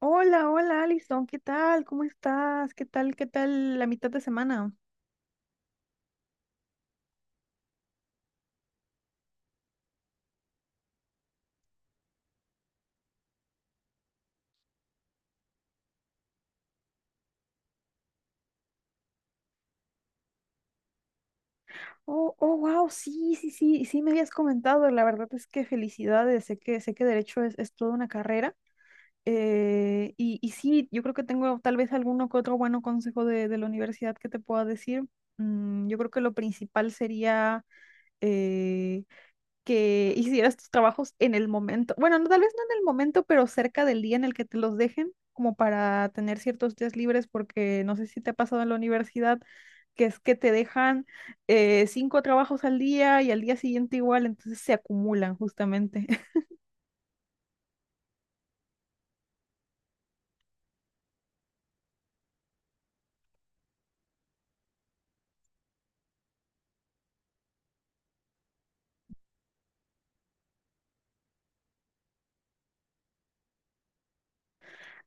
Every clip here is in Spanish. Hola, hola Alison, ¿qué tal? ¿Cómo estás? ¿Qué tal? ¿Qué tal la mitad de semana? Oh, oh, wow, sí, sí, sí, sí me habías comentado. La verdad es que felicidades. Sé que derecho es toda una carrera. Y sí, yo creo que tengo tal vez alguno que otro bueno consejo de la universidad que te pueda decir. Yo creo que lo principal sería eh, que hicieras tus trabajos en el momento. Bueno, no, tal vez no en el momento, pero cerca del día en el que te los dejen, como para tener ciertos días libres, porque no sé si te ha pasado en la universidad, que es que te dejan cinco trabajos al día y al día siguiente igual, entonces se acumulan justamente.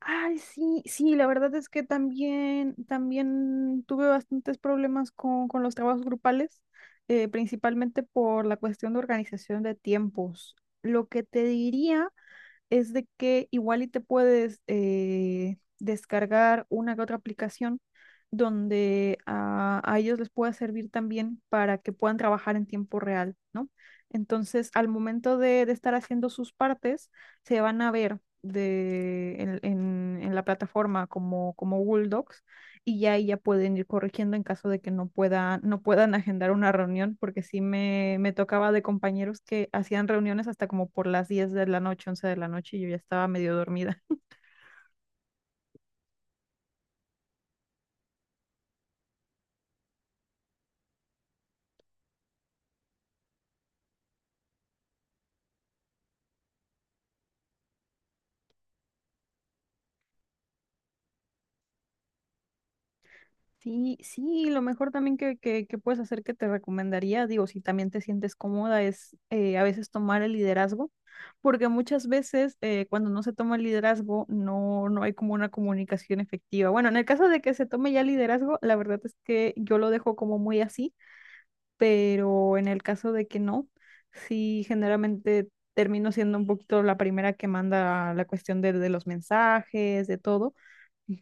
Ay, sí, sí, la verdad es que también tuve bastantes problemas con los trabajos grupales. Principalmente por la cuestión de organización de tiempos. Lo que te diría es de que igual y te puedes descargar una que otra aplicación donde a ellos les pueda servir también para que puedan trabajar en tiempo real, ¿no? Entonces, al momento de estar haciendo sus partes, se van a ver en la plataforma como Google Docs y ya ahí ya pueden ir corrigiendo en caso de que no puedan agendar una reunión, porque sí me tocaba de compañeros que hacían reuniones hasta como por las 10 de la noche, 11 de la noche, y yo ya estaba medio dormida. Sí, sí, lo mejor también que puedes hacer que te recomendaría, digo, si también te sientes cómoda, es a veces tomar el liderazgo. Porque muchas veces cuando no se toma el liderazgo no hay como una comunicación efectiva. Bueno, en el caso de que se tome ya liderazgo, la verdad es que yo lo dejo como muy así, pero en el caso de que no, sí generalmente termino siendo un poquito la primera que manda la cuestión de los mensajes, de todo,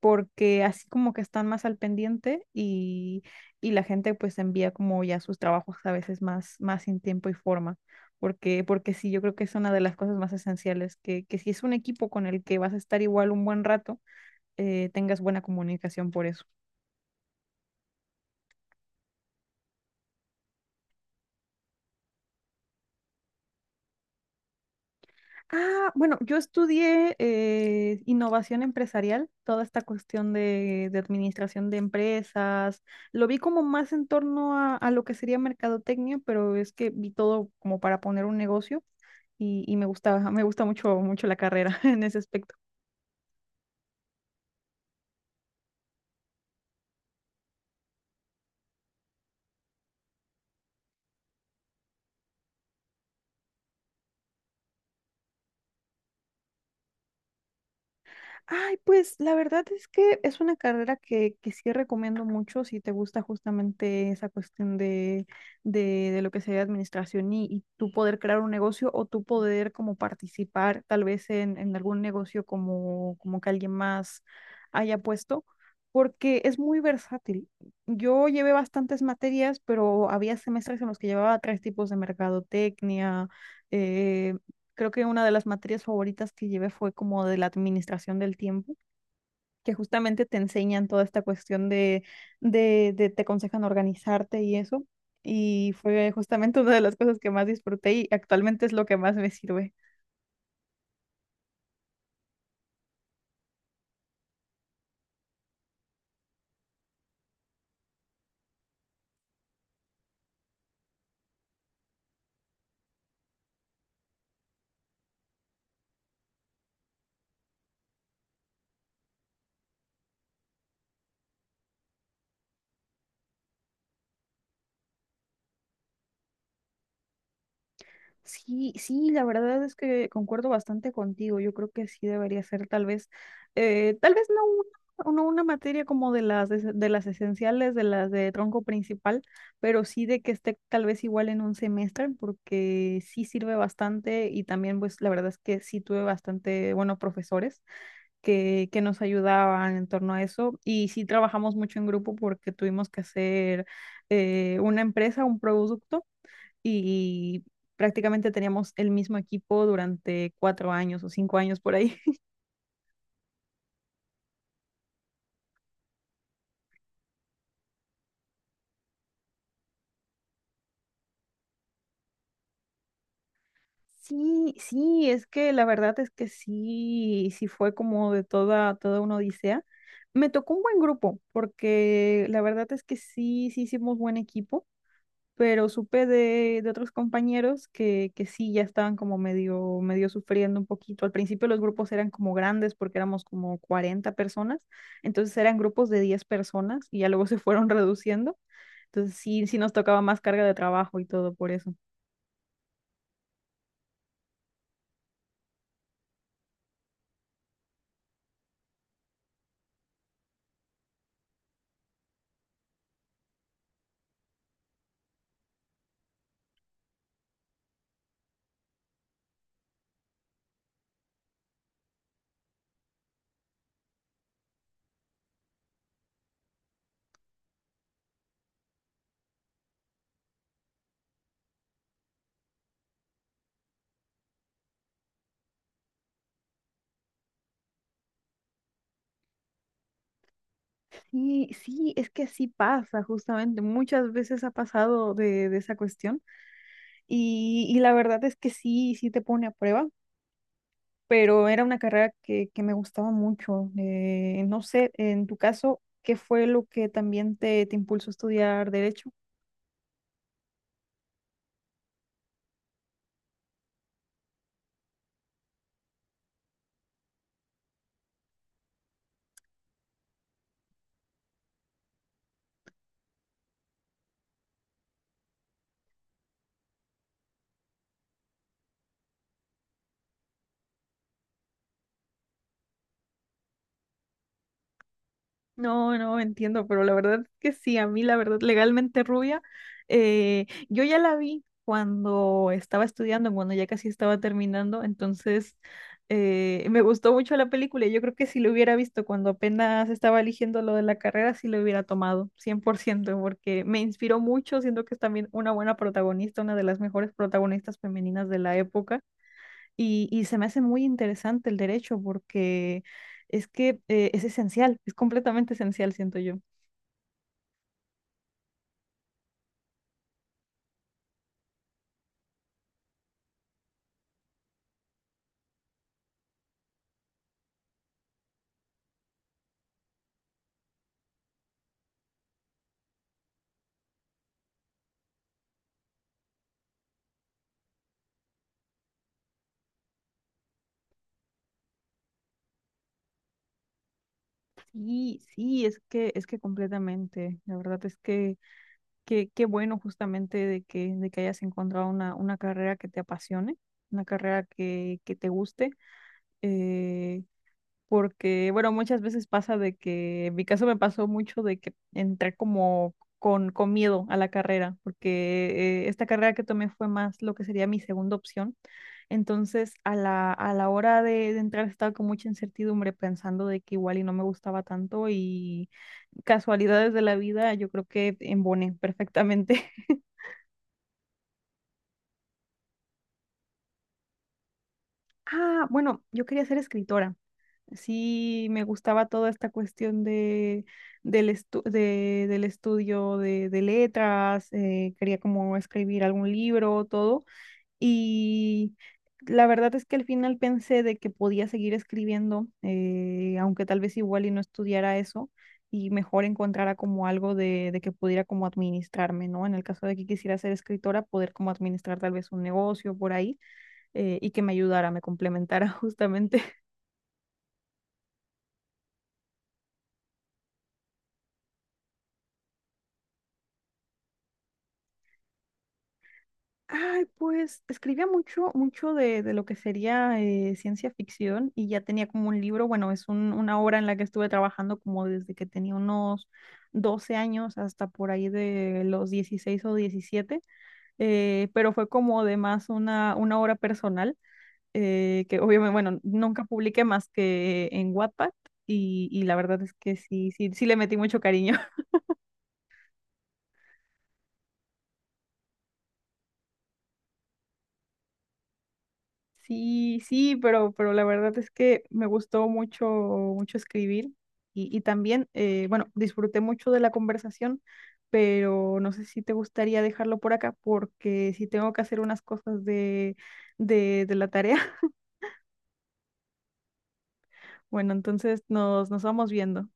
porque así como que están más al pendiente y la gente pues envía como ya sus trabajos a veces más sin tiempo y forma, porque sí, yo creo que es una de las cosas más esenciales, que si es un equipo con el que vas a estar igual un buen rato, tengas buena comunicación por eso. Ah, bueno, yo estudié innovación empresarial, toda esta cuestión de administración de empresas. Lo vi como más en torno a lo que sería mercadotecnia, pero es que vi todo como para poner un negocio y me gustaba, me gusta mucho, mucho la carrera en ese aspecto. Ay, pues la verdad es que es una carrera que sí recomiendo mucho si te gusta justamente esa cuestión de lo que sería administración y tú poder crear un negocio o tú poder como participar tal vez en algún negocio como que alguien más haya puesto, porque es muy versátil. Yo llevé bastantes materias, pero había semestres en los que llevaba tres tipos de mercadotecnia eh, Creo que una de las materias favoritas que llevé fue como de la administración del tiempo, que justamente te enseñan toda esta cuestión de te aconsejan organizarte y eso. Y fue justamente una de las cosas que más disfruté y actualmente es lo que más me sirve. Sí, sí, la verdad es que concuerdo bastante contigo. Yo creo que sí debería ser tal vez no una materia como de las esenciales, de las de tronco principal, pero sí de que esté tal vez igual en un semestre, porque sí sirve bastante y también pues la verdad es que sí tuve bastante buenos profesores que nos ayudaban en torno a eso y sí trabajamos mucho en grupo porque tuvimos que hacer una empresa, un producto y prácticamente teníamos el mismo equipo durante 4 años o 5 años por ahí. Sí, sí, es que la verdad es que sí, sí fue como de toda, toda una odisea. Me tocó un buen grupo, porque la verdad es que sí, sí hicimos buen equipo. Pero supe de otros compañeros que sí, ya estaban como medio, medio sufriendo un poquito. Al principio los grupos eran como grandes porque éramos como 40 personas, entonces eran grupos de 10 personas y ya luego se fueron reduciendo. Entonces sí, sí nos tocaba más carga de trabajo y todo por eso. Sí, sí, es que así pasa justamente. Muchas veces ha pasado de esa cuestión y la verdad es que sí, sí te pone a prueba. Pero era una carrera que me gustaba mucho. No sé, en tu caso, ¿qué fue lo que también te impulsó a estudiar derecho? No, no entiendo, pero la verdad que sí, a mí la verdad, legalmente rubia, yo ya la vi cuando estaba estudiando, cuando ya casi estaba terminando, entonces me gustó mucho la película. Y yo creo que si lo hubiera visto cuando apenas estaba eligiendo lo de la carrera, sí lo hubiera tomado, 100% porque me inspiró mucho, siento que es también una buena protagonista, una de las mejores protagonistas femeninas de la época. Y se me hace muy interesante el derecho porque es que es esencial, es completamente esencial, siento yo. Sí, sí, es que, completamente. La verdad es que qué bueno justamente de que hayas encontrado una carrera que te apasione, una carrera que te guste. eh, porque, bueno, muchas veces pasa de que, en mi caso me pasó mucho de que entré como con miedo a la carrera, porque esta carrera que tomé fue más lo que sería mi segunda opción. Entonces, a la hora de entrar estaba con mucha incertidumbre pensando de que igual y no me gustaba tanto y casualidades de la vida, yo creo que emboné perfectamente. Ah, bueno, yo quería ser escritora. Sí, me gustaba toda esta cuestión de, del, estu- de- del estudio de letras, quería como escribir algún libro, todo, y la verdad es que al final pensé de que podía seguir escribiendo, aunque tal vez igual y no estudiara eso, y mejor encontrara como algo de que pudiera como administrarme, ¿no? En el caso de que quisiera ser escritora, poder como administrar tal vez un negocio por ahí, y que me ayudara, me complementara justamente. Ay, pues escribía mucho, mucho de lo que sería ciencia ficción y ya tenía como un libro, bueno, es una obra en la que estuve trabajando como desde que tenía unos 12 años hasta por ahí de los 16 o 17. Pero fue como de más una obra personal que obviamente, bueno, nunca publiqué más que en Wattpad y la verdad es que sí, sí, sí le metí mucho cariño. Sí, sí, pero la verdad es que me gustó mucho, mucho escribir y también, bueno, disfruté mucho de la conversación, pero no sé si te gustaría dejarlo por acá porque si tengo que hacer unas cosas de la tarea, bueno, entonces nos vamos viendo.